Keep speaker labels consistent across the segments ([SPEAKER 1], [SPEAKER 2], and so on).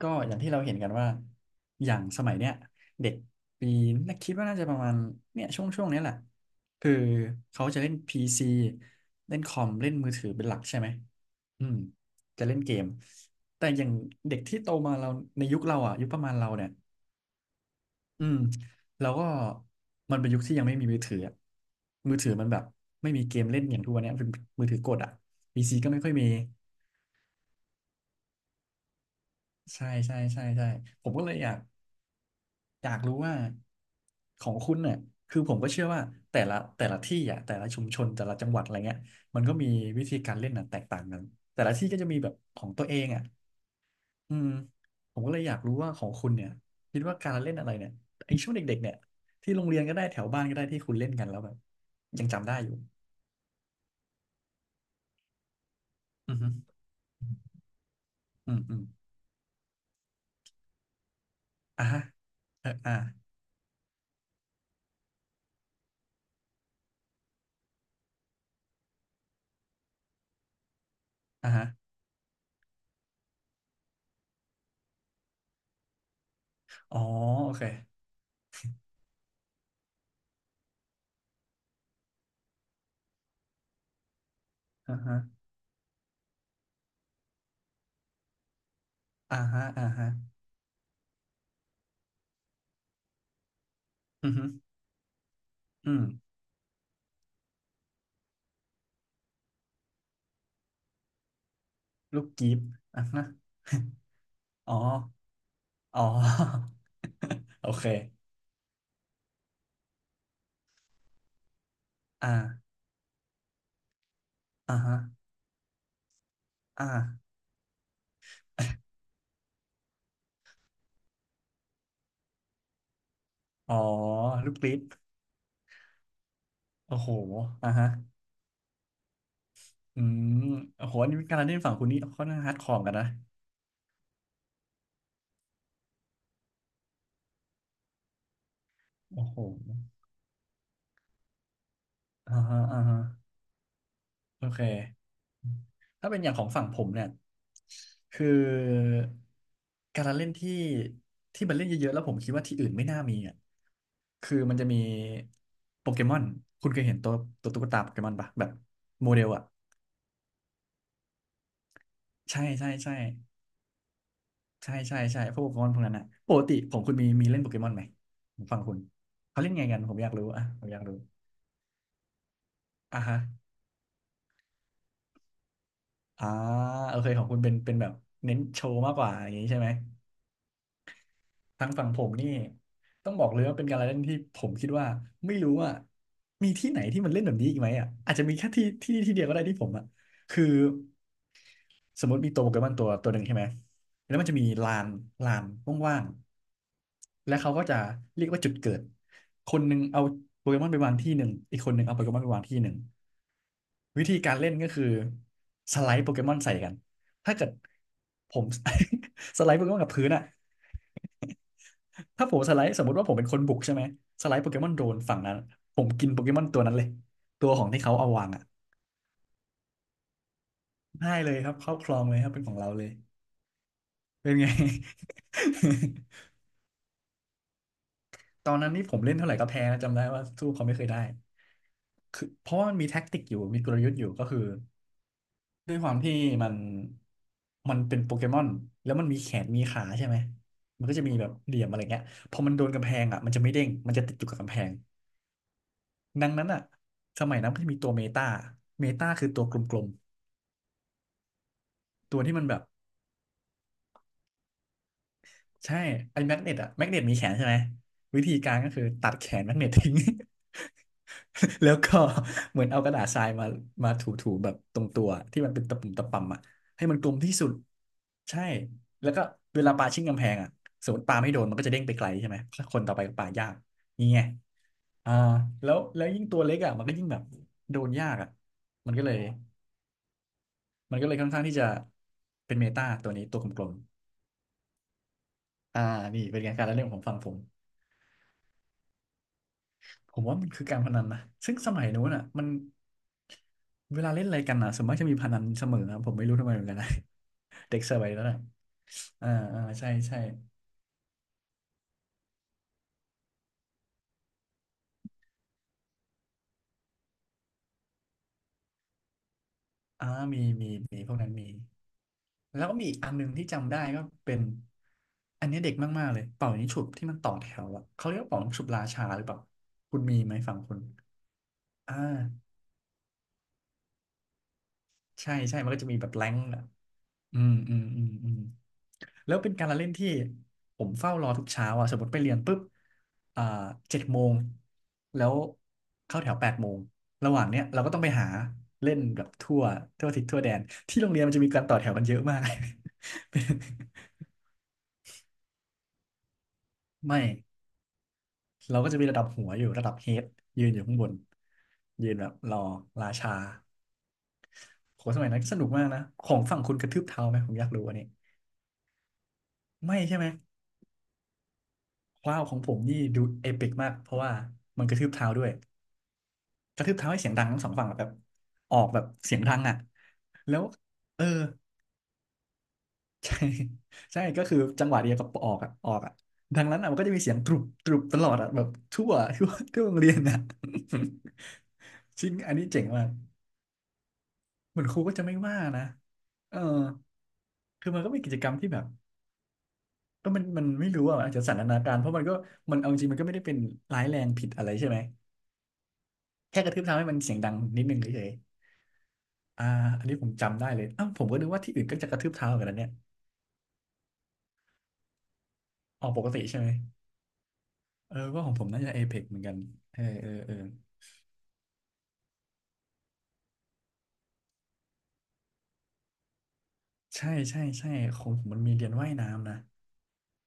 [SPEAKER 1] ก็อย่างที่เราเห็นกันว่าอย่างสมัยเนี้ยเด็กปีน่าคิดว่าน่าจะประมาณเนี่ยช่วงช่วงนี้ยแหละคือเขาจะเล่นพีซีเล่นคอมเล่นมือถือเป็นหลักใช่ไหมอืมจะเล่นเกมแต่อย่างเด็กที่โตมาเราในยุคเราอ่ะยุคประมาณเราเนี่ยอืมเราก็มันเป็นยุคที่ยังไม่มีมือถืออะมือถือมันแบบไม่มีเกมเล่นอย่างทุกวันเนี้ยเป็นมือถือกดอ่ะพีซีก็ไม่ค่อยมีใช่ใช่ใช่ใช่ผมก็เลยอยาก รู้ว่าของคุณเนี่ยคือผมก็เชื่อว่าแต่ละที่อ่ะแต่ละชุมชนแต่ละจังหวัดอะไรเงี้ยมันก็มีวิธีการเล่นน่งแตกต่างกันแต่ละที่ก็จะมีแบบของตัวเองอ่ะอืมผมก็เลยอยากรู้ว่าของคุณเนี่ยคิดว่าการเล่นอะไรเนี่ยไอ้ช่วงเด็กๆเนี่ยที่โรงเรียนก็ได้แถวบ้านก็ได้ที่คุณเล่นกันแล้วแบบยังจำได้อยู่อือฮึอืมอืมอ่ะฮะเอออ่ะอ่ะฮะอ๋อโอเคอ่ะฮะอ่ะฮะอ่าฮะอือฮึอืมลูกกีบอ่ะฮะ อ๋อ อ๋อ โอเคอ่าอ่าฮะอ่าอ๋อลูกปิฟโอ้โหอ่าฮะอืมโอ้โหอันนี้การเล่นฝั่งคุณนี่ค่อนข้างฮาร์ดคอร์กันนะโอ้โหอ่าฮะอ่าฮะโอเคถ้าเป็นอย่างของฝั่งผมเนี่ยคือการละเล่นที่ที่มันเล่นเยอะๆแล้วผมคิดว่าที่อื่นไม่น่ามีอ่ะคือมันจะมีโปเกมอนคุณเคยเห็นตัวตัวตุ๊กตาโปเกมอนปะแบบโมเดลอ่ะใช่ใช่ใช่ ใช่ใช่ใช่พวกโปเกมอนพวกนั้นนะปกติของคุณมีมีเล่นโปเกมอนไหมผมฟังคุณเขาเล่นไงกันผมอยากรู้อ่ะผมอยากรู้อ่ะฮะอ่าโอเคของคุณเป็นเป็นแบบเน้นโชว์มากกว่าอย่างนี้ใช่ไหมทางฝั่งผมนี่ต้องบอกเลยว่าเป็นการละเล่นที่ผมคิดว่าไม่รู้ว่ามีที่ไหนที่มันเล่นแบบนี้อีกไหมอ่ะ อาจจะมีแค่ที่ที่เดียวก็ได้ที่ผมอ่ะคือ สมมติมีตัวโปเกมอนตัวตัวหนึ่งใช่ไหมแล้วมันจะมีลานลานว่างๆและเขาก็จะเรียกว่าจุดเกิด คนหนึ่งเอาโปเกมอนไปวางที่หนึ่ง อีกคนหนึ่งเอาโปเกมอนไปวางที่หนึ่ง วิธีการเล่นก็คือสไลด์โปเกมอนใส่กันถ้าเกิดผม สไลด์โปเกมอนกับพื้นอะถ้าผมสไลด์สมมติว่าผมเป็นคนบุกใช่ไหมสไลด์โปเกมอนโดนฝั่งนั้นผมกินโปเกมอนตัวนั้นเลยตัวของที่เขาเอาวางอ่ะได้เลยครับเข้าครองเลยครับเป็นของเราเลย เป็นไง ตอนนั้นนี่ผมเล่นเท่าไหร่ก็แพ้นะจำได้ว่าสู้เขาไม่เคยได้คือเพราะว่ามันมีแท็กติกอยู่มีกลยุทธ์อยู่ก็คือด้วยความที่มันมันเป็นโปเกมอนแล้วมันมีแขนมีขาใช่ไหมมันก็จะมีแบบเหลี่ยมอะไรเงี้ยพอมันโดนกำแพงอ่ะมันจะไม่เด้งมันจะติดอยู่กับกำแพงดังนั้นอ่ะสมัยนั้นมันจะมีตัวเมตาเมตาคือตัวกลมๆตัวที่มันแบบ ใช่ไอ้แมกเนตอะแมกเนตมีแขนใช่ไหมวิธีการก็คือตัดแขนแมกเนตทิ้ง แล้วก็เหมือนเอากระดาษทรายมามาถูๆแบบตรงตัวที่มันเป็นตะปุ่มตะป่ำอะให้มันกลมที่สุดใช่แล้วก็เวลาปาชิ่งกำแพงอะสมมติปาไม่โดนมันก็จะเด้งไปไกลใช่ไหมถ้าคนต่อไปก็ปายากนี่ไงอ่าแล้วยิ่งตัวเล็กอะมันก็ยิ่งแบบโดนยากอะมันก็เลยมันก็เลยค่อนข้างที่จะเป็นเมตาตัวนี้ตัวกลมๆอ่านี่เป็นไงการละเล่นของฝั่งผม ผมว่ามันคือการพนันนะซึ่งสมัยนู้นอ่ะมันเวลาเล่นอะไรกันอ่ะส่วนมากจะมีพนันเสมอนะผมไม่รู้ทำไมเหมือนกันนะ เด็กสมัยนั้นอ่ะอ่าอ่าใช่ใช่อ่ามีมีมีพวกนั้นมีแล้วก็มีอีกอันหนึ่งที่จำได้ก็เป็นอันนี้เด็กมากๆเลยเป่ายิงฉุบที่มันต่อแถวอ่ะเขาเรียกว่าเป่ายิงฉุบราชาหรือเปล่าคุณมีไหมฝั่งคุณอ่าใช่ใช่มันก็จะมีแบบแรงค์อ่ะอืม แล้วเป็นการละเล่นที่ผมเฝ้ารอทุกเช้าอ่ะสมมติไปเรียนปุ๊บอ่า7 โมงแล้วเข้าแถว8 โมงระหว่างเนี้ยเราก็ต้องไปหาเล่นแบบทั่วทิศทั่วแดนที่โรงเรียนมันจะมีการต่อแถวกันเยอะมาก ไม่เราก็จะมีระดับหัวอยู่ระดับเฮดยืนอยู่ข้างบนยืนแบบรอราชาโหสมัยนั้นก็สนุกมากนะของฝั่งคุณกระทืบเท้าไหมผมอยากรู้อันนี้ไม่ใช่ไหมว้าวของผมนี่ดูเอปิกมากเพราะว่ามันกระทืบเท้าด้วย กระทืบเท้าให้เสียงดังทั้งสองฝั่งอะแบบออกแบบเสียงดังแล้วเออ ใช่ใช่ก็คือจังหวะเดียวกับออกออกดังนั้นมันก็จะมีเสียงตรุบตรุบตลอดแบบทั่ว ทั่วโรงเรียน จริงอันนี้เจ๋งมากเหมือนครูก็จะไม่ว่านะเออคือมันก็เป็นกิจกรรมที่แบบก็มันไม่รู้อาจจะสันทนาการเพราะมันก็มันเอาจริงมันก็ไม่ได้เป็นร้ายแรงผิดอะไรใช่ไหมแค่กระทืบเท้าให้มันเสียงดังนิดนึงเฉยๆอันนี้ผมจำได้เลยอ้าวผมก็นึกว่าที่อื่นก็จะกระทืบเท้ากันแล้วเนี่ย ออกปกติใช่ไหมเออก็ของผมน่าจะเอเ x เหมือนกันเออเออเออใช่ใช่ใช่ของผมมันมีเรียนว่ายน้ำนะ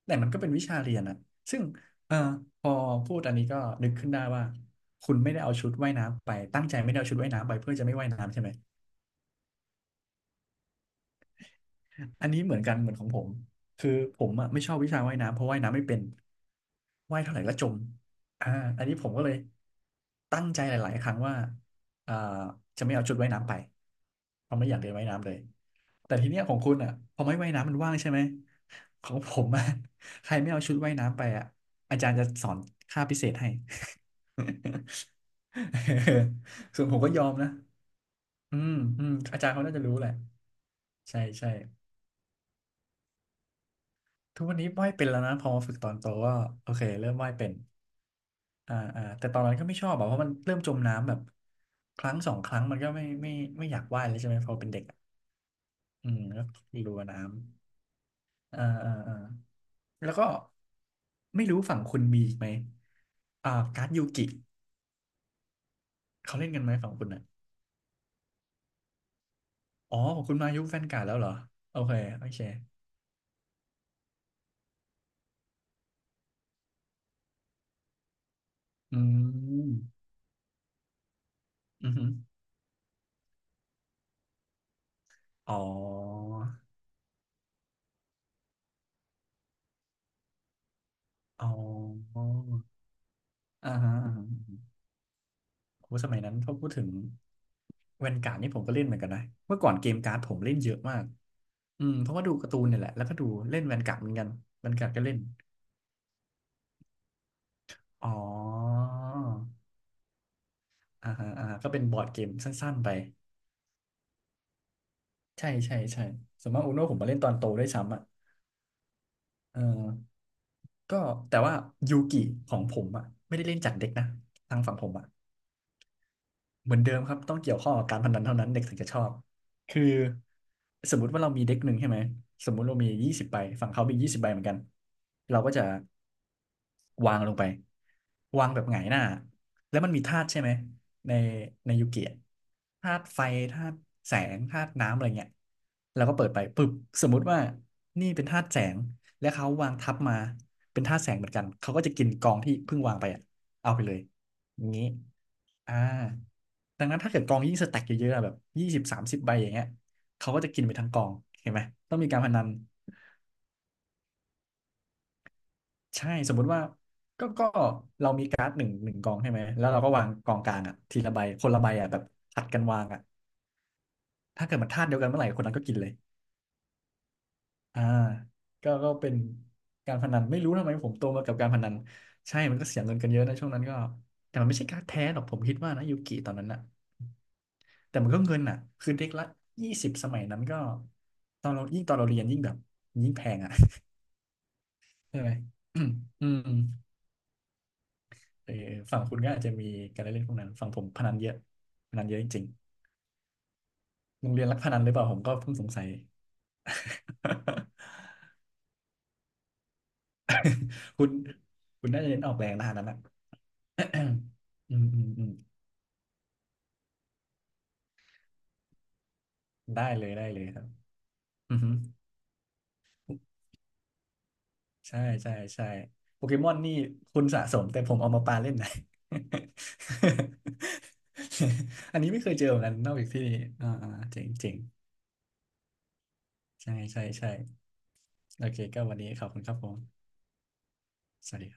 [SPEAKER 1] แต่มันก็เป็นวิชาเรียนอะซึ่งเออพอพูดอันนี้ก็นึกขึ้นได้ว่า คุณไม่ได้เอาชุดว่ายน้ำไป ตั้งใจไม่ได้เอาชุดว่ายน้ำไปเพื่อจะไม่ว่ายน้ำใช่ไหม อันนี้เหมือนกันเหมือนของผมคือผมไม่ชอบวิชาว่ายน้ำเพราะว่ายน้ำไม่เป็นว่ายเท่าไหร่ก็จมอ่าอันนี้ผมก็เลยตั้งใจหลายๆครั้งว่าอ่าจะไม่เอาชุดว่ายน้ำไปเพราะไม่อยากเรียนว่ายน้ำเลยแต่ทีเนี้ยของคุณพอไม่ว่ายน้ำมันว่างใช่ไหมของผมใครไม่เอาชุดว่ายน้ำไปอาจารย์จะสอนค่าพิเศษให้ ส่วนผมก็ยอมนะอืมอืมอาจารย์เขาน่าจะรู้แหละใช่ใช่ ทุกวันนี้ว่ายเป็นแล้วนะพอมาฝึกตอนโตก็โอเคเริ่มว่ายเป็นแต่ตอนนั้นก็ไม่ชอบอะเพราะมันเริ่มจมน้ำแบบครั้งสองครั้งมันก็ไม่อยากว่ายเลยใช่ไหมพอเป็นเด็กอะอืมก็กลัวน้ำอ่าอ่าอ่าแล้วก็ไม่รู้ฝั่งคุณมีอีกไหมการ์ดยูกิเขาเล่นกันไหมฝั่งคุณอ๋อของคุณมายุคแฟนการ์ดแล้วเหรอโอเคโอเคอืมอือหืออ๋ออ๋ออ่าฮะอ่าฮะ โหสมัยนั้นถ้าพูดถึงแวนการ์ดนี่ผมก็เล่นเหมือนกันนะเมื่อก่อนเกมการ์ดผมเล่นเยอะมากอืมเพราะว่าดูการ์ตูนเนี่ยแหละแล้วก็ดูเล่นแวนการ์ดเหมือนกันแวนการ์ดก็เล่นอ๋ออ่าฮะอ่าฮะก็เป็นบอร์ดเกมสั้นๆไปใช่ใช่ใช่ส่วนมากอูโน่ผมมาเล่นตอนโตด้วยซ้ำเออก็แต่ว่ายูกิของผมไม่ได้เล่นจากเด็กนะทางฝั่งผมเหมือนเดิมครับต้องเกี่ยวข้องกับการพนันเท่านั้นเด็กถึงจะชอบคือสมมุติว่าเรามีเด็กหนึ่งใช่ไหมสมมุติเรามียี่สิบใบฝั่งเขามียี่สิบใบเหมือนกันเราก็จะวางลงไปวางแบบหงายหน้าแล้วมันมีธาตุใช่ไหมในในยูเกียธาตุไฟธาตุแสงธาตุน้ำอะไรเงี้ยเราก็เปิดไปปึ๊บสมมุติว่านี่เป็นธาตุแสงและเขาวางทับมาเป็นธาตุแสงเหมือนกันเขาก็จะกินกองที่เพิ่งวางไปอะเอาไปเลยอย่างนี้ อ่าดังนั้นถ้าเกิดกองยิ่งสแต็กเยอะๆอะแบบ20 30 ใบอย่างเงี้ยเขาก็จะกินไปทั้งกองเห็นไหมต้องมีการพนันใช่สมมุติว่าก็เรามีการ์ดหนึ่งกองใช่ไหมแล้วเราก็วางกองกลางทีละใบคนละใบแบบผัดกันวางถ้าเกิดมันธาตุเดียวกันเมื่อไหร่คนนั้นก็กินเลยอ่าก็เป็นการพนันไม่รู้ทำไมผมโตมากับการพนันใช่มันก็เสียเงินกันเยอะนะช่วงนั้นก็แต่มันไม่ใช่การ์ดแท้หรอกผมคิดว่านะยูกิตอนนั้นแต่มันก็เงินคือเด็กละ 20สมัยนั้นก็ตอนเราเรียนยิ่งแบบยิ่งแพง ใช่ไหมอืม อืมเออฝั่งคุณก็อาจจะมีการเล่นพวกนั้น ฝั่งผมพนันเยอะพนันเยอะจริงๆโรงเรียนรักพนันหรือเปล่าผมก็เพิ่งสงสัย คุณคุณน่าจะเล่นออกแรงนะอันนั้น อืมอืมอืมได้เลยได้เลยครับอืม ใช่ใช่ใช่ โปเกมอนนี่คุณสะสมแต่ผมเอามาปาเล่นนะ อันนี้ไม่เคยเจอเหมือนกันนอกจากที่นี่เจ๋งเจ๋งใช่ใช่ใช่โอเคก็วันนี้ขอบคุณครับผม สวัสดีครับ